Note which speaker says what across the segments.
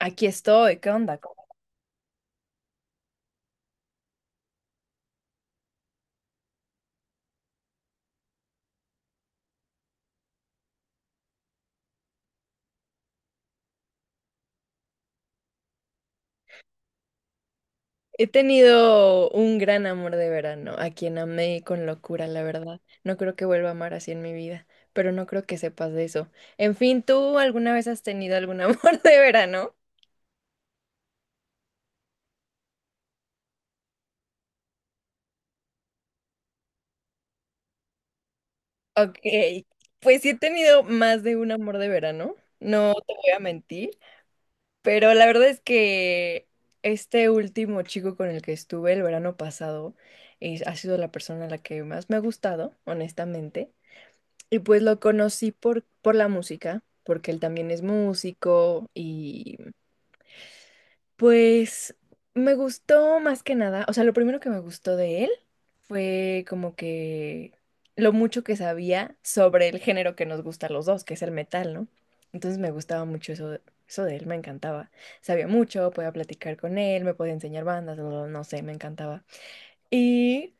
Speaker 1: Aquí estoy, ¿qué onda? He tenido un gran amor de verano, a quien amé con locura, la verdad. No creo que vuelva a amar así en mi vida, pero no creo que sepas de eso. En fin, ¿tú alguna vez has tenido algún amor de verano? Ok, pues sí he tenido más de un amor de verano, no te voy a mentir, pero la verdad es que este último chico con el que estuve el verano pasado ha sido la persona a la que más me ha gustado, honestamente. Y pues lo conocí por la música, porque él también es músico y pues me gustó más que nada, o sea, lo primero que me gustó de él fue como que lo mucho que sabía sobre el género que nos gusta a los dos, que es el metal, ¿no? Entonces me gustaba mucho eso, eso de él, me encantaba. Sabía mucho, podía platicar con él, me podía enseñar bandas, no sé, me encantaba. Y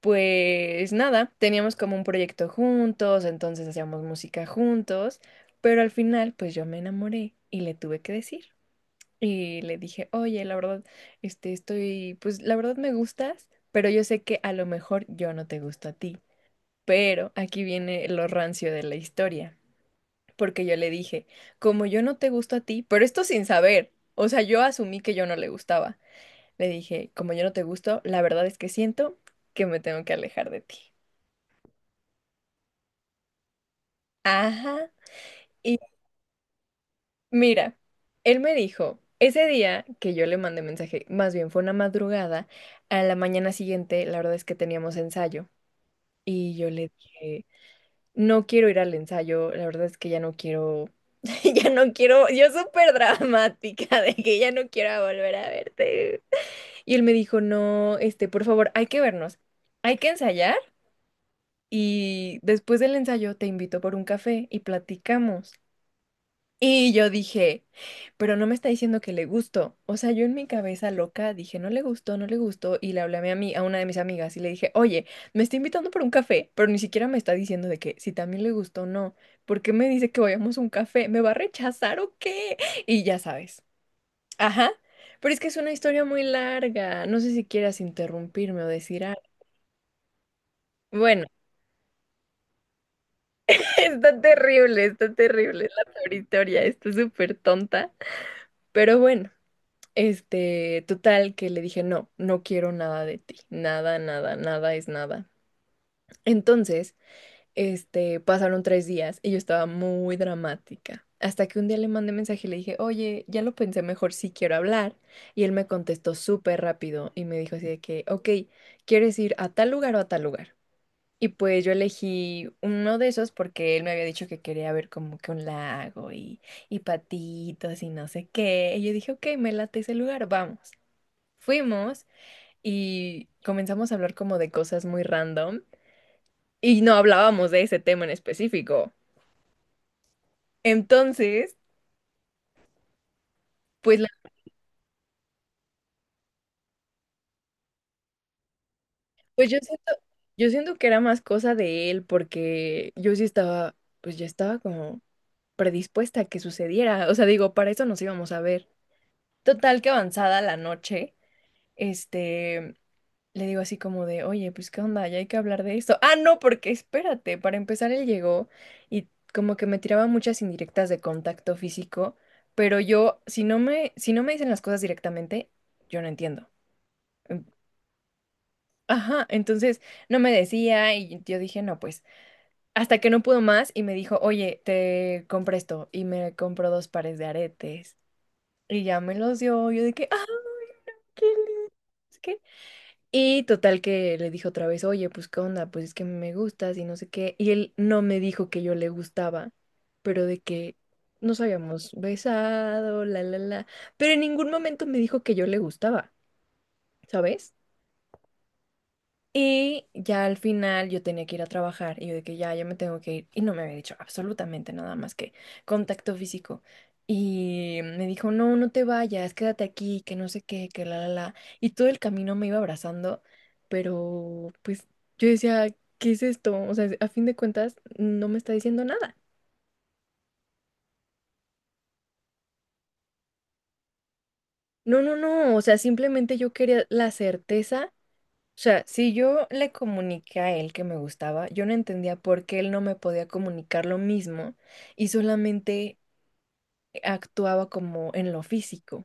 Speaker 1: pues nada, teníamos como un proyecto juntos, entonces hacíamos música juntos, pero al final pues yo me enamoré y le tuve que decir. Y le dije, oye, la verdad, este, estoy, pues la verdad me gustas, pero yo sé que a lo mejor yo no te gusto a ti. Pero aquí viene lo rancio de la historia, porque yo le dije, como yo no te gusto a ti, pero esto sin saber, o sea, yo asumí que yo no le gustaba. Le dije, como yo no te gusto, la verdad es que siento que me tengo que alejar de ti. Ajá. Y mira, él me dijo, ese día que yo le mandé mensaje, más bien fue una madrugada, a la mañana siguiente, la verdad es que teníamos ensayo. Y yo le dije, no quiero ir al ensayo, la verdad es que ya no quiero, ya no quiero, yo súper dramática de que ya no quiero volver a verte. Y él me dijo, no, este, por favor, hay que vernos, hay que ensayar. Y después del ensayo te invito por un café y platicamos. Y yo dije, pero no me está diciendo que le gustó. O sea, yo en mi cabeza loca dije, no le gustó, no le gustó. Y le hablé a a una de mis amigas y le dije, oye, me está invitando por un café, pero ni siquiera me está diciendo de que si también le gustó o no. ¿Por qué me dice que vayamos a un café? ¿Me va a rechazar o qué? Y ya sabes. Ajá. Pero es que es una historia muy larga. No sé si quieras interrumpirme o decir algo. Bueno. Está terrible la peor historia, está súper tonta. Pero bueno, este, total que le dije, no, no quiero nada de ti, nada, nada, nada es nada. Entonces, este, pasaron tres días y yo estaba muy dramática. Hasta que un día le mandé mensaje y le dije, oye, ya lo pensé mejor, sí quiero hablar. Y él me contestó súper rápido y me dijo así de que, ok, ¿quieres ir a tal lugar o a tal lugar? Y pues yo elegí uno de esos porque él me había dicho que quería ver como que un lago y patitos y no sé qué. Y yo dije, ok, me late ese lugar, vamos. Fuimos y comenzamos a hablar como de cosas muy random y no hablábamos de ese tema en específico. Entonces, pues, pues yo siento que era más cosa de él porque yo sí estaba, pues ya estaba como predispuesta a que sucediera. O sea, digo, para eso nos íbamos a ver. Total que avanzada la noche, este, le digo así como de, oye, pues qué onda, ya hay que hablar de esto. Ah, no, porque espérate, para empezar él llegó y como que me tiraba muchas indirectas de contacto físico, pero yo, si no me dicen las cosas directamente, yo no entiendo. Em, Ajá, entonces no me decía y yo dije, no, pues, hasta que no pudo más y me dijo, oye, te compré esto y me compró dos pares de aretes y ya me los dio, yo de que, ah, qué lindo. Y total que le dije otra vez, oye, pues qué onda, pues es que me gustas y no sé qué. Y él no me dijo que yo le gustaba, pero de que nos habíamos besado, la, la, la. Pero en ningún momento me dijo que yo le gustaba, ¿sabes? Y ya al final yo tenía que ir a trabajar y yo de que ya, ya me tengo que ir. Y no me había dicho absolutamente nada más que contacto físico. Y me dijo, no, no te vayas, quédate aquí, que no sé qué, que la, la, la. Y todo el camino me iba abrazando, pero pues yo decía, ¿qué es esto? O sea, a fin de cuentas, no me está diciendo nada. No, no, no, o sea, simplemente yo quería la certeza. O sea, si yo le comuniqué a él que me gustaba, yo no entendía por qué él no me podía comunicar lo mismo y solamente actuaba como en lo físico.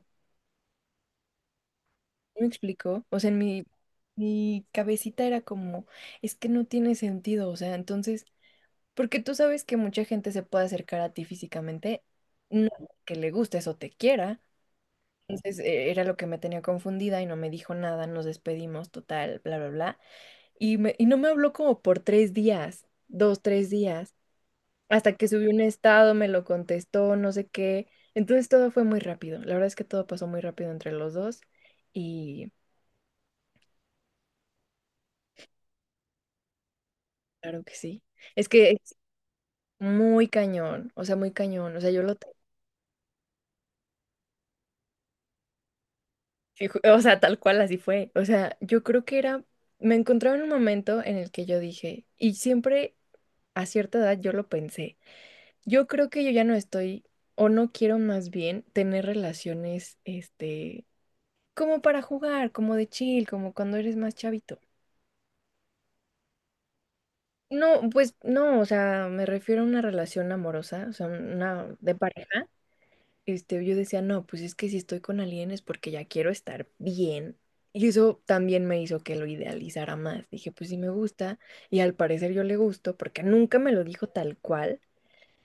Speaker 1: ¿Sí? ¿Me explico? O sea, mi cabecita era como, es que no tiene sentido, o sea, entonces, porque tú sabes que mucha gente se puede acercar a ti físicamente, no que le gustes o te quiera. Entonces, era lo que me tenía confundida y no me dijo nada, nos despedimos, total, bla, bla, bla. Y no me habló como por tres días, dos, tres días, hasta que subí un estado, me lo contestó, no sé qué. Entonces todo fue muy rápido. La verdad es que todo pasó muy rápido entre los dos y claro que sí. Es que es muy cañón, o sea, muy cañón. O sea, yo lo... O sea, tal cual así fue. O sea, yo creo que era... Me encontraba en un momento en el que yo dije, y siempre a cierta edad yo lo pensé, yo creo que yo ya no estoy o no quiero más bien tener relaciones, este, como para jugar, como de chill, como cuando eres más chavito. No, pues no, o sea, me refiero a una relación amorosa, o sea, una de pareja. Este, yo decía, no, pues es que si estoy con alguien es porque ya quiero estar bien. Y eso también me hizo que lo idealizara más. Dije, pues sí me gusta, y al parecer yo le gusto, porque nunca me lo dijo tal cual.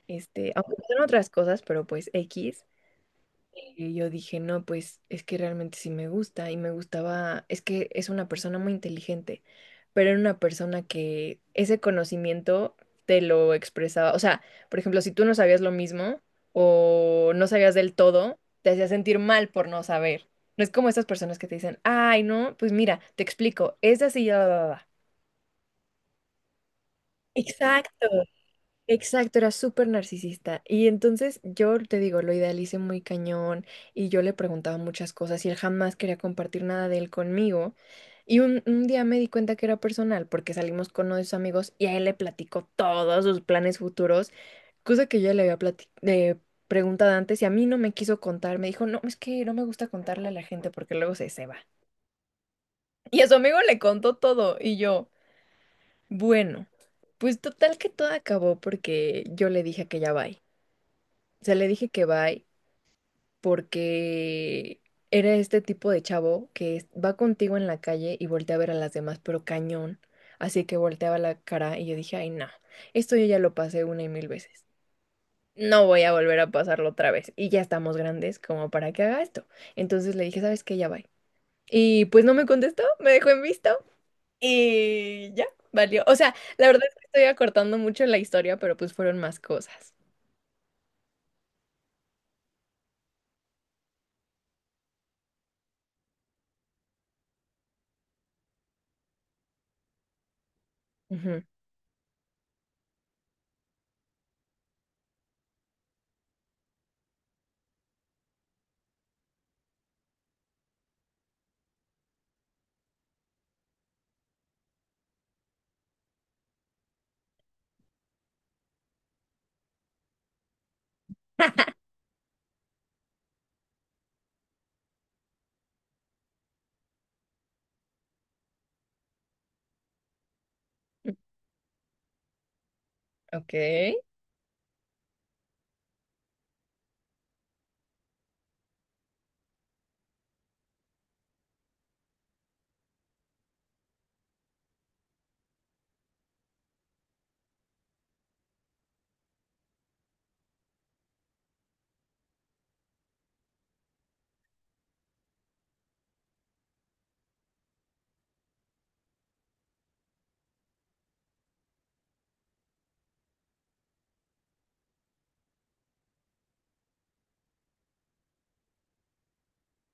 Speaker 1: Este, aunque son otras cosas, pero pues X. Y yo dije, no, pues es que realmente sí me gusta y me gustaba, es que es una persona muy inteligente, pero era una persona que ese conocimiento te lo expresaba. O sea, por ejemplo, si tú no sabías lo mismo o no sabías del todo, te hacía sentir mal por no saber. No es como estas personas que te dicen, ay, no, pues mira, te explico, es así, ya, va, va, va. Exacto. Exacto, era súper narcisista. Y entonces yo te digo, lo idealicé muy cañón y yo le preguntaba muchas cosas y él jamás quería compartir nada de él conmigo. Y un día me di cuenta que era personal porque salimos con uno de sus amigos y a él le platicó todos sus planes futuros, cosa que yo ya le había preguntado antes y a mí no me quiso contar. Me dijo, no, es que no me gusta contarle a la gente porque luego se va. Y a su amigo le contó todo y yo, bueno, pues total que todo acabó porque yo le dije que ya va. O sea, le dije que bye porque era este tipo de chavo que va contigo en la calle y voltea a ver a las demás, pero cañón. Así que volteaba la cara y yo dije, ay, no, esto yo ya lo pasé una y mil veces. No voy a volver a pasarlo otra vez. Y ya estamos grandes como para que haga esto. Entonces le dije, ¿sabes qué? Ya bye. Y pues no me contestó, me dejó en visto y ya, valió. O sea, la verdad es que estoy acortando mucho la historia, pero pues fueron más cosas. Ujú. Ok.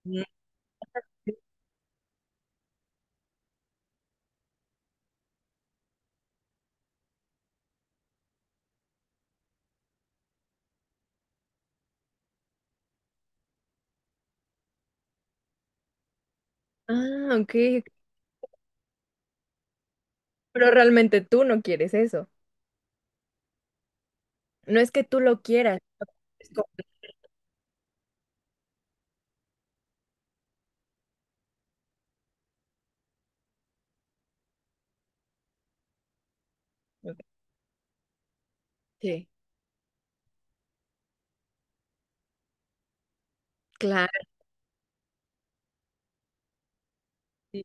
Speaker 1: Mm. Ah, ok, ok. Pero realmente tú no quieres eso. No es que tú lo quieras. es como- Sí, claro. Sí.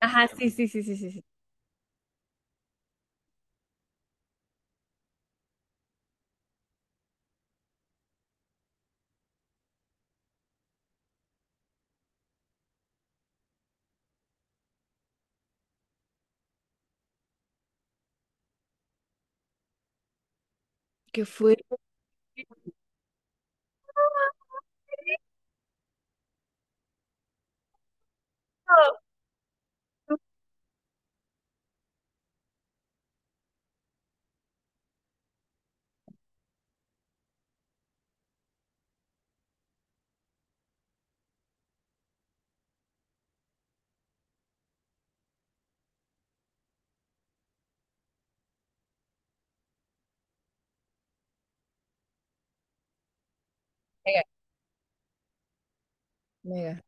Speaker 1: Ajá, sí, sí, sí, sí, sí, sí. Que fue mega, mega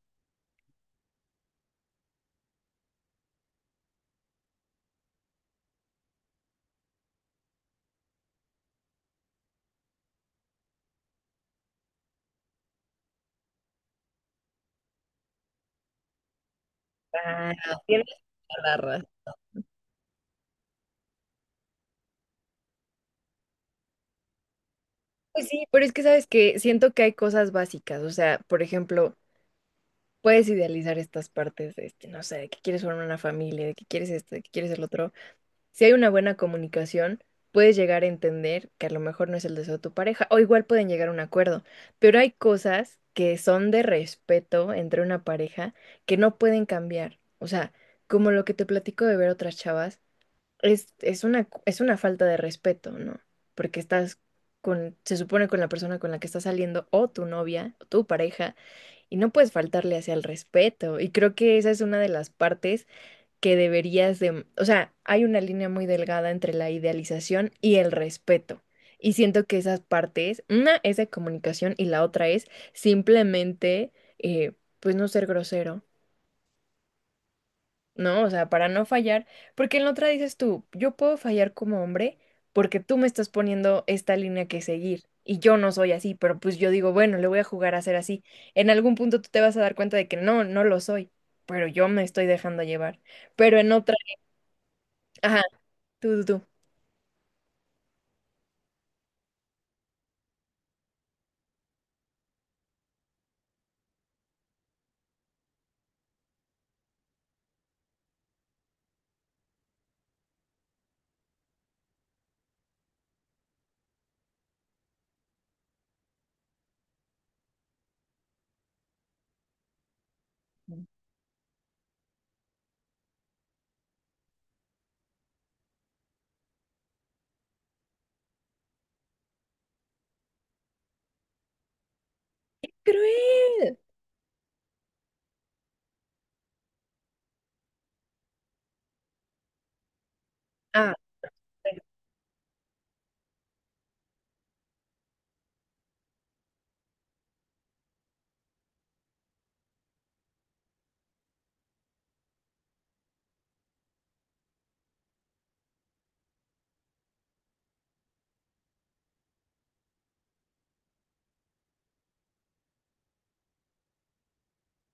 Speaker 1: raro. Tienes toda la razón. Pues sí, pero es que sabes que siento que hay cosas básicas. O sea, por ejemplo, puedes idealizar estas partes de este, no sé, de que quieres formar una familia, de que quieres esto, de que quieres el otro. Si hay una buena comunicación, puedes llegar a entender que a lo mejor no es el deseo de tu pareja, o igual pueden llegar a un acuerdo, pero hay cosas que son de respeto entre una pareja que no pueden cambiar. O sea, como lo que te platico de ver otras chavas, es una falta de respeto, ¿no? Porque estás con, se supone con la persona con la que estás saliendo, o tu novia, o tu pareja, y no puedes faltarle hacia el respeto. Y creo que esa es una de las partes que deberías de, o sea, hay una línea muy delgada entre la idealización y el respeto. Y siento que esas partes, una es de comunicación y la otra es simplemente, eh, pues no ser grosero, ¿no? O sea, para no fallar, porque en la otra dices tú, yo puedo fallar como hombre porque tú me estás poniendo esta línea que seguir. Y yo no soy así, pero pues yo digo, bueno, le voy a jugar a ser así. En algún punto tú te vas a dar cuenta de que no, no lo soy, pero yo me estoy dejando llevar. Pero en otra, ajá, tú. Cruel. Ah,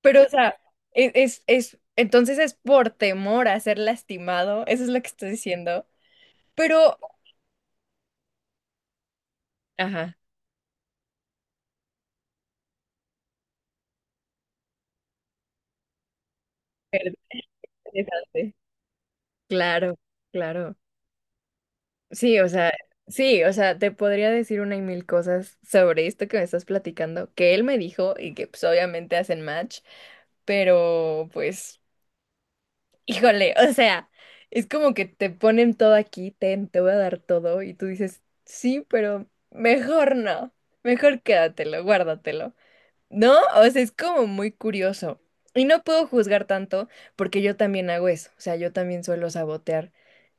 Speaker 1: pero o sea, es, entonces es por temor a ser lastimado, eso es lo que estoy diciendo. Pero, ajá, pero interesante. Claro, claro. Sí, o sea, sí, o sea, te podría decir una y mil cosas sobre esto que me estás platicando, que él me dijo y que pues obviamente hacen match, pero pues... Híjole, o sea, es como que te ponen todo aquí, ten, te voy a dar todo, y tú dices, sí, pero mejor no, mejor quédatelo, guárdatelo, ¿no? O sea, es como muy curioso. Y no puedo juzgar tanto porque yo también hago eso, o sea, yo también suelo sabotear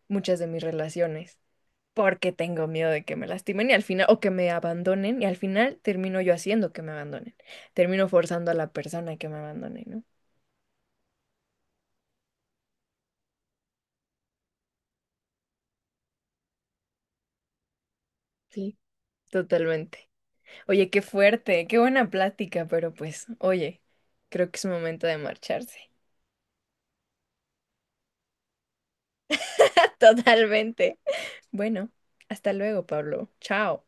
Speaker 1: muchas de mis relaciones porque tengo miedo de que me lastimen y al final, o que me abandonen, y al final termino yo haciendo que me abandonen, termino forzando a la persona que me abandone, ¿no? Sí, totalmente. Oye, qué fuerte, qué buena plática, pero pues, oye, creo que es momento de marcharse. Totalmente. Bueno, hasta luego, Pablo. Chao.